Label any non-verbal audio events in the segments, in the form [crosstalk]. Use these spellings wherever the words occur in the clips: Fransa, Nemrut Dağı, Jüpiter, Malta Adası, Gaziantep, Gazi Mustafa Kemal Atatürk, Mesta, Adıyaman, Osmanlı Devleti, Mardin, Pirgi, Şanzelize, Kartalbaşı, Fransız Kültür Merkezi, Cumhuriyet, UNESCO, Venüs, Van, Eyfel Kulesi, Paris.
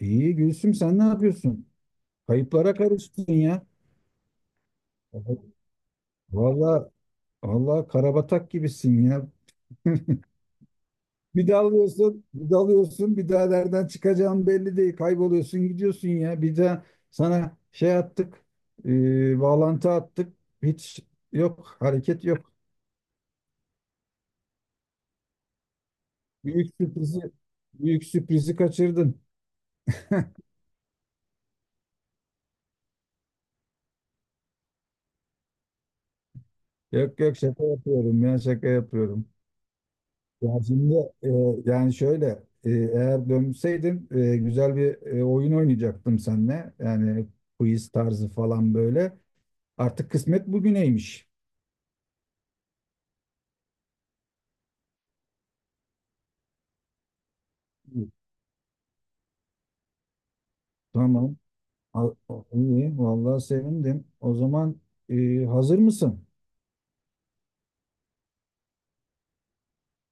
İyi Gülsüm, sen ne yapıyorsun? Kayıplara karıştın ya. Valla, valla karabatak gibisin ya. Bir dalıyorsun, bir dalıyorsun, bir daha nereden çıkacağın belli değil. Kayboluyorsun, gidiyorsun ya. Bir daha sana şey attık, bağlantı attık. Hiç yok, hareket yok. Büyük sürprizi, büyük sürprizi kaçırdın. Yok yok, şaka yapıyorum ya, şaka yapıyorum. Ya şimdi, e, yani şöyle, eğer dönseydim, güzel bir, oyun oynayacaktım seninle. Yani quiz tarzı falan böyle. Artık kısmet bugüneymiş. Tamam. Al- iyi. Vallahi sevindim. O zaman, hazır mısın?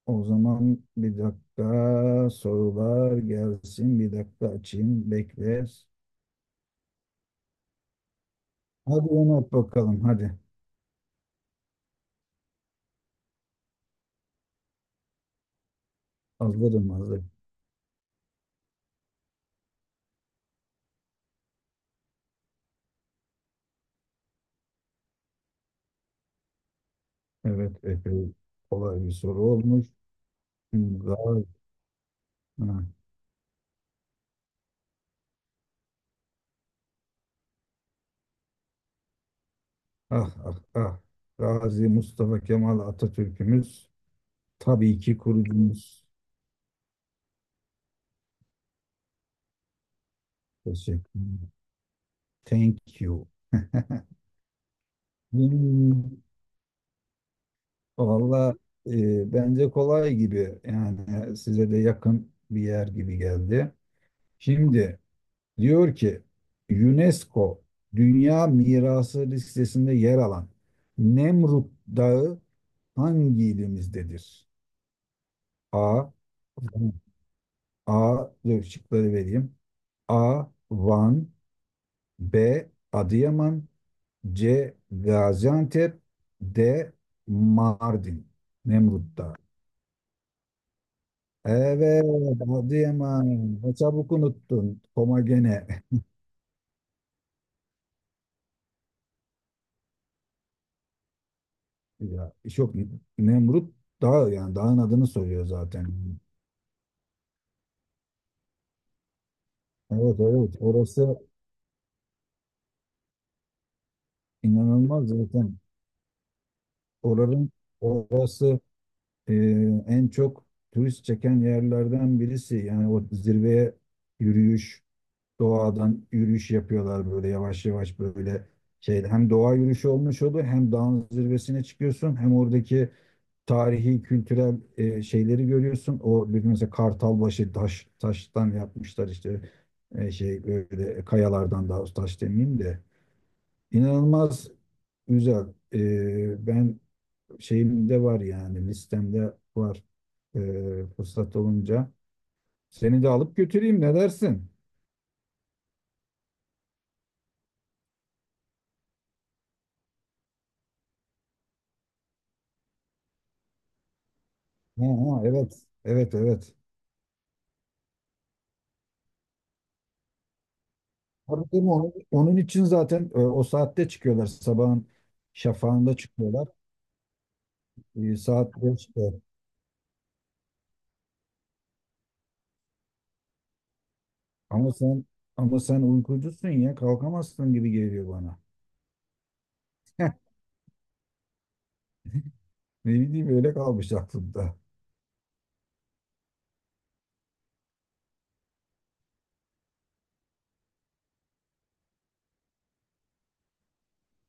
O zaman bir dakika sorular gelsin. Bir dakika açayım. Bekle. Hadi Ömer, bakalım. Hadi. Hazırım, hazır. Evet. Epey kolay bir soru olmuş. Hı. Gayet. Ha. Ah ah ah. Gazi Mustafa Kemal Atatürk'ümüz tabii ki kurucumuz. Teşekkür ederim. Thank you. Hmm, valla, bence kolay gibi, yani size de yakın bir yer gibi geldi. Şimdi diyor ki, UNESCO Dünya Mirası listesinde yer alan Nemrut Dağı hangi ilimizdedir? A. A, dur, şıkları vereyim. A. Van. B. Adıyaman. C. Gaziantep. D. Mardin. Nemrut'ta. Evet, Adıyaman. Ne çabuk unuttun Koma gene? [laughs] Ya, çok. Nemrut dağ, yani dağın adını soruyor zaten. Evet evet, orası inanılmaz zaten. Oraların orası, e, en çok turist çeken yerlerden birisi. Yani o zirveye yürüyüş, doğadan yürüyüş yapıyorlar böyle, yavaş yavaş böyle şey, hem doğa yürüyüşü olmuş oluyor, hem dağın zirvesine çıkıyorsun, hem oradaki tarihi kültürel, şeyleri görüyorsun. O bir mesela Kartalbaşı, taştan yapmışlar işte, şey böyle kayalardan, daha doğrusu, taş demeyeyim de, inanılmaz güzel. Ben şeyimde var, yani listemde var, e, fırsat olunca. Seni de alıp götüreyim, ne dersin? Ha, ha, evet. Evet evet. Tabii, değil mi? Onun için zaten, o saatte çıkıyorlar. Sabahın şafağında çıkıyorlar. Saat beşte. Ama sen Ama sen uykucusun ya, kalkamazsın gibi geliyor bana. [laughs] Ne bileyim, öyle kalmış aklımda.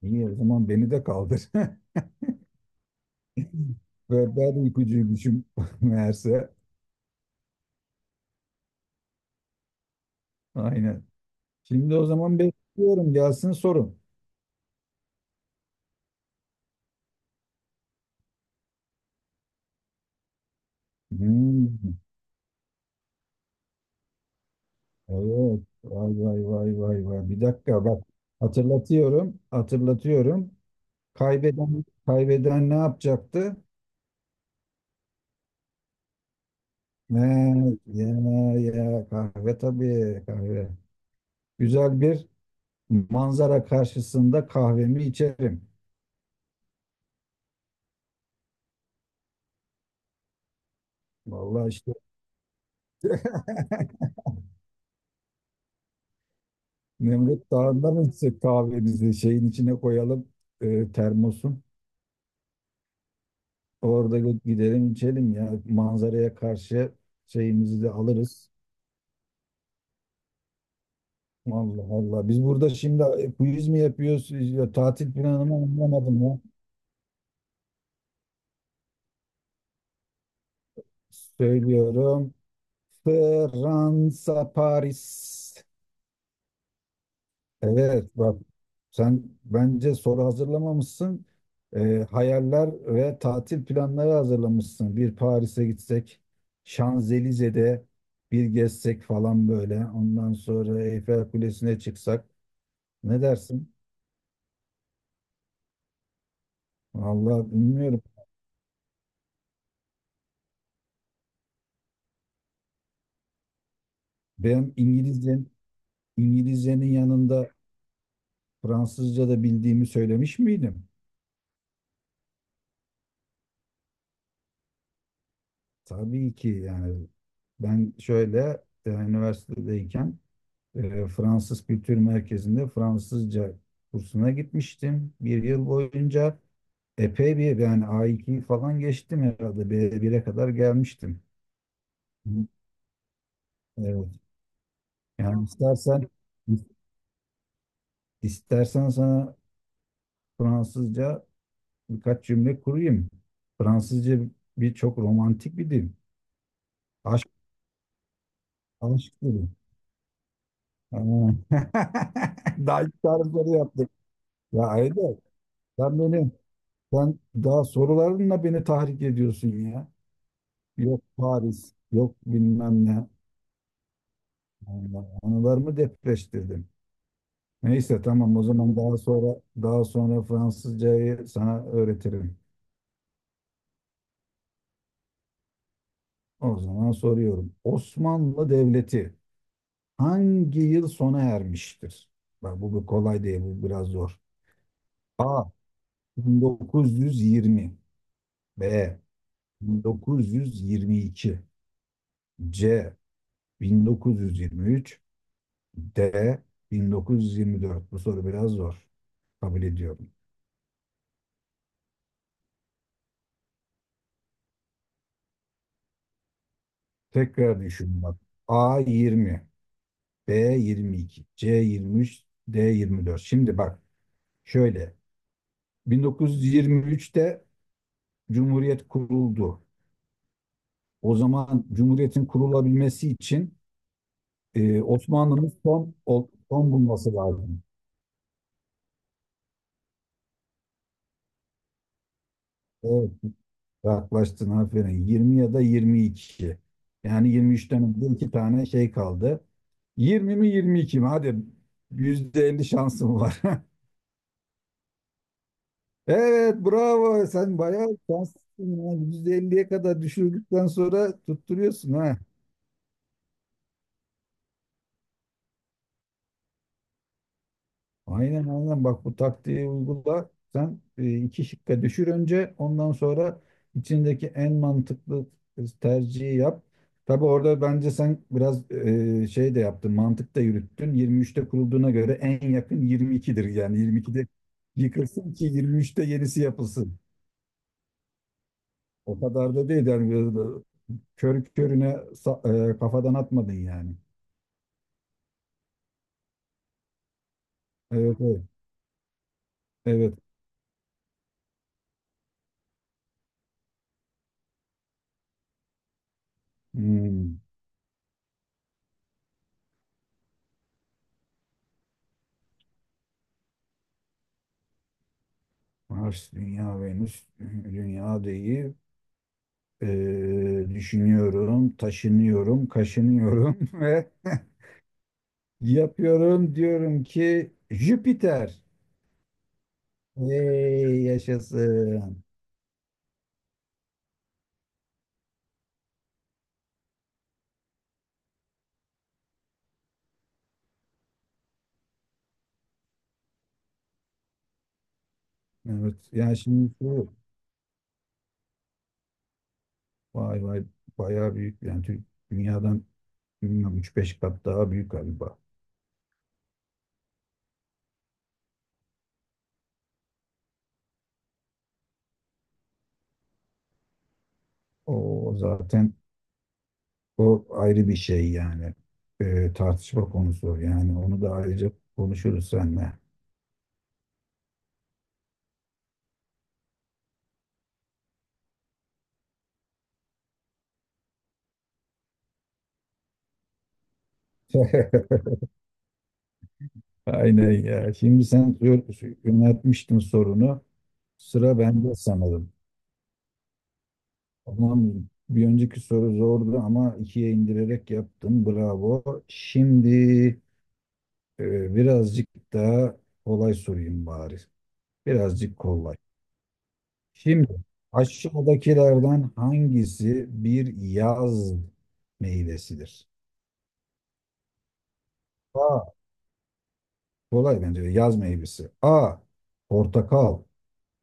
İyi, o zaman beni de kaldır. [laughs] Ve ben uykucuymuşum [laughs] meğerse. Aynen. Şimdi o zaman bekliyorum, gelsin sorun. Hmm, evet. Vay vay vay vay vay. Bir dakika bak. Hatırlatıyorum. Hatırlatıyorum. Kaybeden, kaybeden ne yapacaktı? Ne? Ya, ya kahve, tabii kahve. Güzel bir manzara karşısında kahvemi içerim. Vallahi işte. [laughs] Nemrut Dağı'nda mı içsek kahvemizi? Şeyin içine koyalım, termosun. Orada gidelim içelim ya, manzaraya karşı şeyimizi de alırız. Allah Allah. Biz burada şimdi quiz mi yapıyoruz? Ya, tatil planımı anlamadım ya. Söylüyorum. Fransa, Paris. Evet bak, sen bence soru hazırlamamışsın. Hayaller ve tatil planları hazırlamışsın. Bir Paris'e gitsek, Şanzelize'de bir gezsek falan böyle. Ondan sonra Eyfel Kulesi'ne çıksak. Ne dersin? Vallahi bilmiyorum. Ben İngilizcenin yanında Fransızca da bildiğimi söylemiş miydim? Tabii ki yani, ben şöyle, üniversitedeyken, Fransız Kültür Merkezi'nde Fransızca kursuna gitmiştim. Bir yıl boyunca epey bir, yani A2 falan geçtim herhalde, B1'e kadar gelmiştim. Hı. Evet. Yani istersen sana Fransızca birkaç cümle kurayım. Fransızca bir çok romantik bir dil. Aşk, aşk dili. Ha. [laughs] Daha ilk tarifleri yaptım. Ya Aydın, sen beni, sen daha sorularınla beni tahrik ediyorsun ya. Yok Paris, yok bilmem ne. Allah, anılarımı depreştirdin. Neyse tamam, o zaman daha sonra, daha sonra Fransızcayı sana öğretirim. O zaman soruyorum. Osmanlı Devleti hangi yıl sona ermiştir? Bak, bu bir kolay değil, bu biraz zor. A. 1920. B. 1922. C. 1923. D. 1924. Bu soru biraz zor. Kabul ediyorum. Tekrar düşün bak. A 20, B 22, C 23, D 24. Şimdi bak şöyle. 1923'te Cumhuriyet kuruldu. O zaman Cumhuriyet'in kurulabilmesi için, Osmanlı'nın son bulması lazım. Evet. Yaklaştın, aferin. 20 ya da 22. Yani yirmi üçten önce iki tane şey kaldı. 20 mi, 22 mi? Hadi, %50 şansım var. [laughs] Evet bravo. Sen bayağı şanslısın ya. %50'ye kadar düşürdükten sonra tutturuyorsun ha. Aynen aynen, bak bu taktiği uygula. Sen, iki şıkka düşür önce, ondan sonra içindeki en mantıklı tercihi yap. Tabii orada bence sen biraz, şey de yaptın, mantık da yürüttün. Yirmi üçte kurulduğuna göre en yakın 22'dir. Yani 22'de yıkılsın ki yirmi üçte yenisi yapılsın. O kadar da değil yani, biraz da körü körüne kafadan atmadın yani. Evet evet. Evet. Hmm. Mars, Dünya, Venüs. Dünya değil. Ee, düşünüyorum, taşınıyorum, kaşınıyorum [laughs] ve yapıyorum, diyorum ki Jüpiter. Hey, yaşasın. Evet. Yani şimdi bu, vay vay, bayağı büyük yani, dünyadan bilmiyorum 3-5 kat daha büyük galiba. O zaten, o ayrı bir şey yani. Tartışma konusu yani, onu da ayrıca konuşuruz seninle. [laughs] Aynen ya. Şimdi sen yöneltmiştin sorunu. Sıra bende sanırım. Tamam, bir önceki soru zordu ama ikiye indirerek yaptım. Bravo. Şimdi, birazcık daha kolay sorayım bari. Birazcık kolay. Şimdi, aşağıdakilerden hangisi bir yaz meyvesidir? A. Kolay bence de, yaz meyvesi. A. Portakal.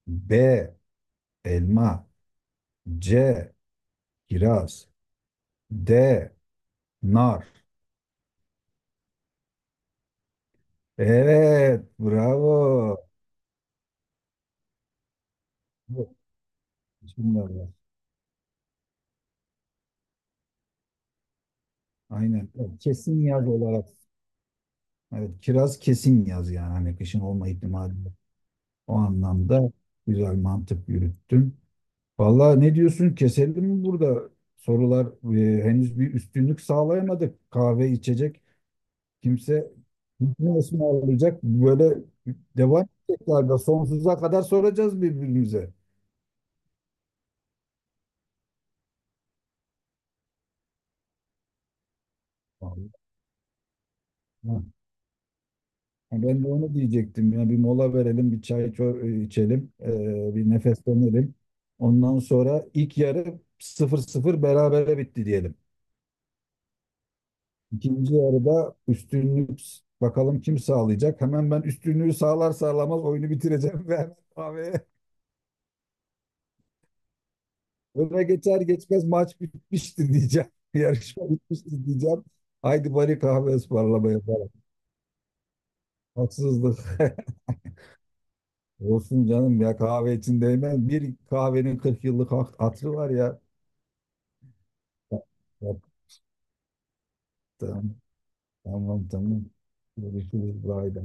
B. Elma. C. Kiraz. D. Nar. Evet, bravo. Yok. Şimdi var. Aynen. Evet, kesin yaz olarak. Evet, kiraz kesin yaz yani. Hani kışın olma ihtimali yok. O anlamda güzel mantık yürüttün. Vallahi ne diyorsun? Keselim mi burada? Sorular, henüz bir üstünlük sağlayamadık. Kahve içecek. Kimse ne ısmarlayacak? Böyle devam edecekler de sonsuza kadar soracağız birbirimize. Vallahi. Ha, ben de onu diyecektim ya, bir mola verelim, bir çay içelim, bir nefeslenelim. Ondan sonra ilk yarı sıfır sıfır berabere bitti diyelim. İkinci yarıda üstünlük bakalım kim sağlayacak. Hemen ben üstünlüğü sağlar sağlamaz oyunu bitireceğim [laughs] ve hemen kahveye öne geçer geçmez maç bitmiştir diyeceğim. [laughs] Yarışma bitmiştir diyeceğim. Haydi bari kahve ısmarlamaya yapalım. Haksızlık. [laughs] Olsun canım ya, kahve için değmez. Bir kahvenin 40 yıllık hatırı var ya. Yaptım. Tamam tamam. Görüşürüz. Bay bay.